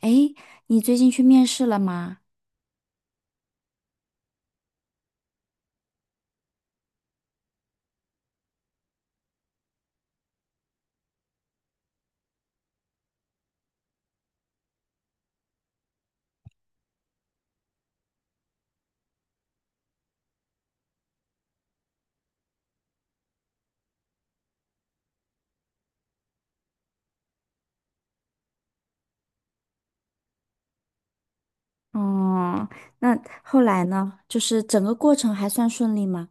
诶，你最近去面试了吗？哦，那后来呢？就是整个过程还算顺利吗？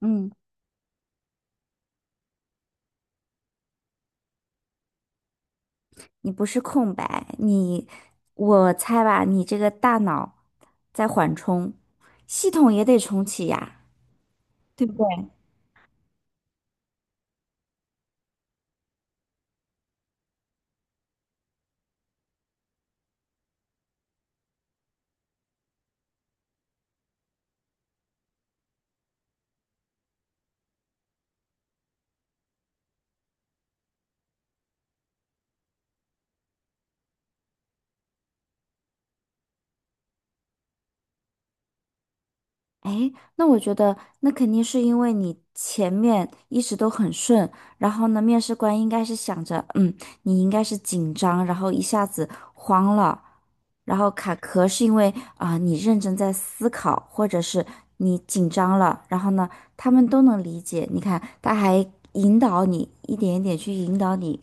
嗯，你不是空白，你，我猜吧，你这个大脑在缓冲，系统也得重启呀，对不对？哎，那我觉得那肯定是因为你前面一直都很顺，然后呢，面试官应该是想着，嗯，你应该是紧张，然后一下子慌了，然后卡壳是因为啊、你认真在思考，或者是你紧张了，然后呢，他们都能理解。你看，他还引导你一点一点去引导你。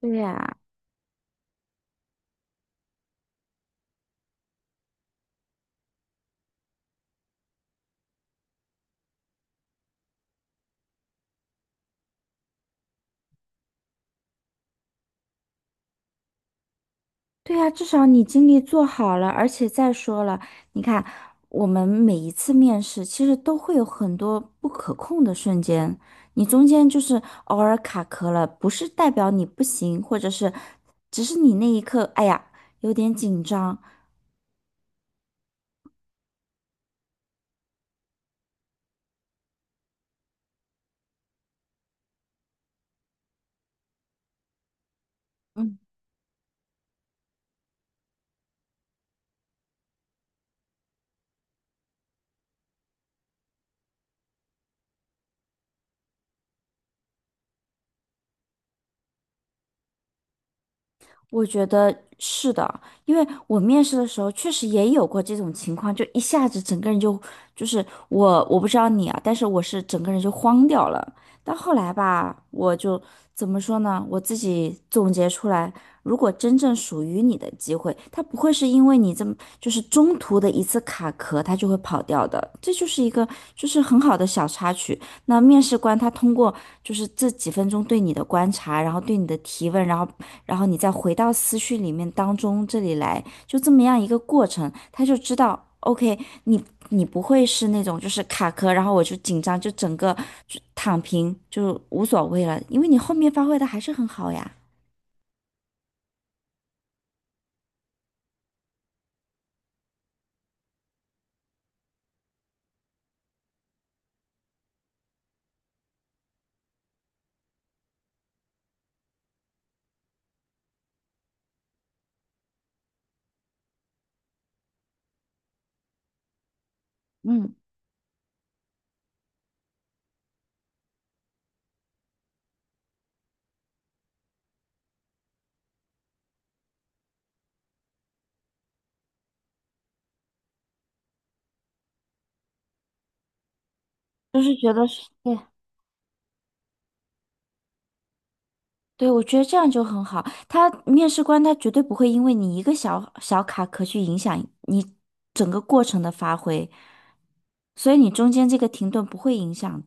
对呀、对呀，至少你经历做好了，而且再说了，你看，我们每一次面试其实都会有很多不可控的瞬间，你中间就是偶尔卡壳了，不是代表你不行，或者是只是你那一刻，哎呀，有点紧张。嗯，我觉得是的，因为我面试的时候确实也有过这种情况，就一下子整个人就就是我不知道你啊，但是我是整个人就慌掉了。但后来吧，我就怎么说呢？我自己总结出来，如果真正属于你的机会，它不会是因为你这么就是中途的一次卡壳，它就会跑掉的。这就是一个就是很好的小插曲。那面试官他通过就是这几分钟对你的观察，然后对你的提问，然后然后你再回到思绪里面当中这里来，就这么样一个过程，他就知道，OK,你你不会是那种就是卡壳，然后我就紧张，就整个就躺平，就无所谓了，因为你后面发挥的还是很好呀。嗯，就是觉得是，对，对，我觉得这样就很好。他面试官他绝对不会因为你一个小小卡壳去影响你整个过程的发挥，所以你中间这个停顿不会影响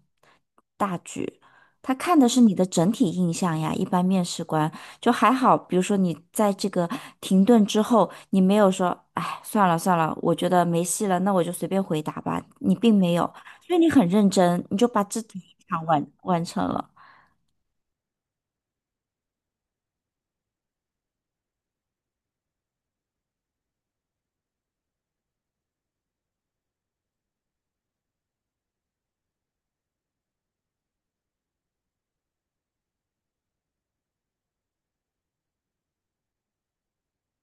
大局。他看的是你的整体印象呀。一般面试官就还好，比如说你在这个停顿之后，你没有说"哎，算了算了，我觉得没戏了，那我就随便回答吧"，你并没有，所以你很认真，你就把这场完完成了。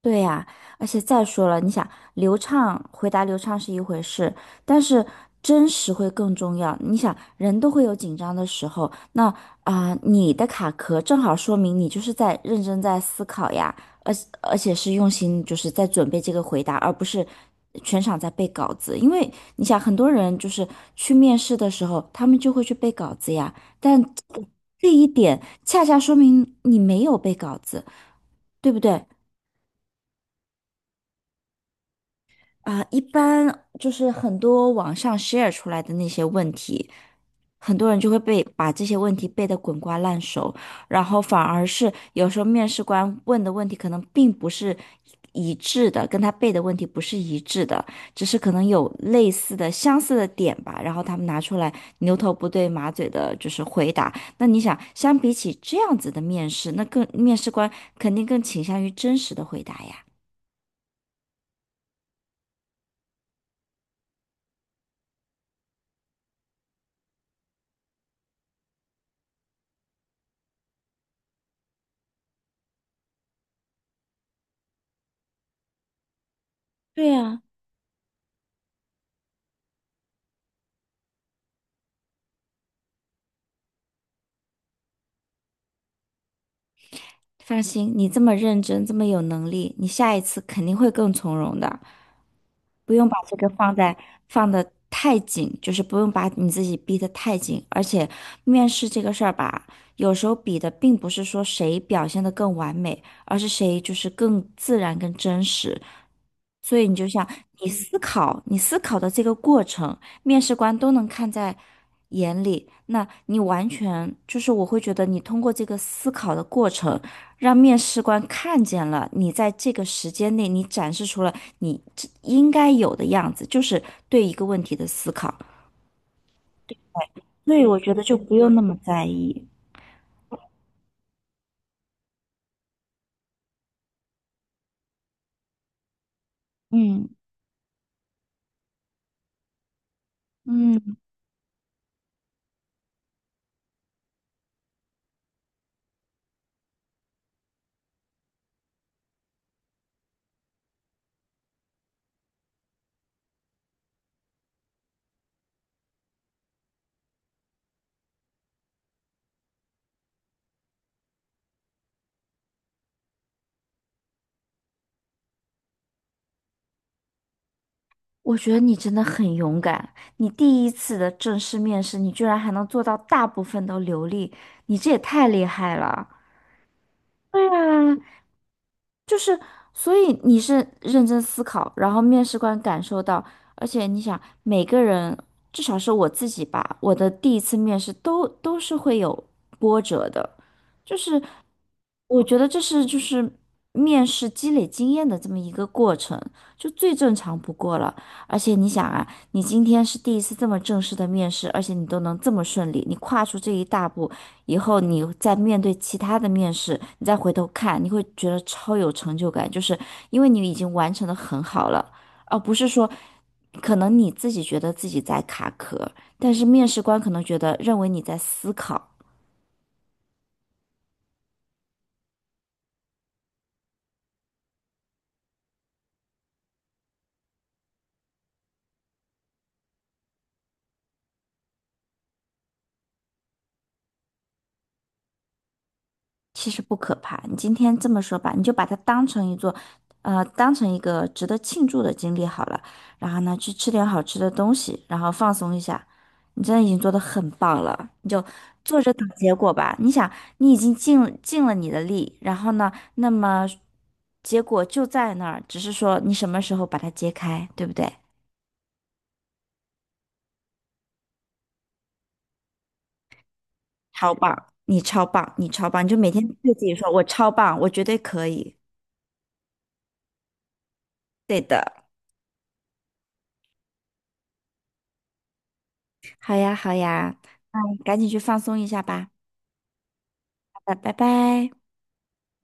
对呀，而且再说了，你想流畅，回答流畅是一回事，但是真实会更重要。你想，人都会有紧张的时候，那啊、你的卡壳正好说明你就是在认真在思考呀，而而且是用心，就是在准备这个回答，而不是全场在背稿子。因为你想，很多人就是去面试的时候，他们就会去背稿子呀，但这一点恰恰说明你没有背稿子，对不对？啊，一般就是很多网上 share 出来的那些问题，很多人就会被把这些问题背得滚瓜烂熟，然后反而是有时候面试官问的问题可能并不是一致的，跟他背的问题不是一致的，只是可能有类似的、相似的点吧，然后他们拿出来牛头不对马嘴的，就是回答。那你想，相比起这样子的面试，那更面试官肯定更倾向于真实的回答呀。对呀、放心，你这么认真，这么有能力，你下一次肯定会更从容的，不用把这个放在放的太紧，就是不用把你自己逼得太紧。而且面试这个事儿吧，有时候比的并不是说谁表现得更完美，而是谁就是更自然、更真实。所以你就像你思考，你思考的这个过程，面试官都能看在眼里。那你完全就是，我会觉得你通过这个思考的过程，让面试官看见了你在这个时间内，你展示出了你应该有的样子，就是对一个问题的思考。所以我觉得就不用那么在意。嗯嗯，我觉得你真的很勇敢，你第一次的正式面试，你居然还能做到大部分都流利，你这也太厉害了。对啊，就是，所以你是认真思考，然后面试官感受到，而且你想，每个人至少是我自己吧，我的第一次面试都是会有波折的，就是我觉得这是就是面试积累经验的这么一个过程，就最正常不过了。而且你想啊，你今天是第一次这么正式的面试，而且你都能这么顺利，你跨出这一大步，以后你再面对其他的面试，你再回头看，你会觉得超有成就感，就是因为你已经完成的很好了，而不是说可能你自己觉得自己在卡壳，但是面试官可能觉得认为你在思考，其实不可怕。你今天这么说吧，你就把它当成一座，当成一个值得庆祝的经历好了。然后呢，去吃点好吃的东西，然后放松一下。你真的已经做得很棒了，你就坐着等结果吧。你想，你已经尽尽了你的力，然后呢，那么结果就在那儿，只是说你什么时候把它揭开，对不对？超棒，你超棒，你超棒，你就每天对自己说，我超棒，我绝对可以。对的。好呀，好呀，那你赶紧去放松一下吧。好的，拜拜。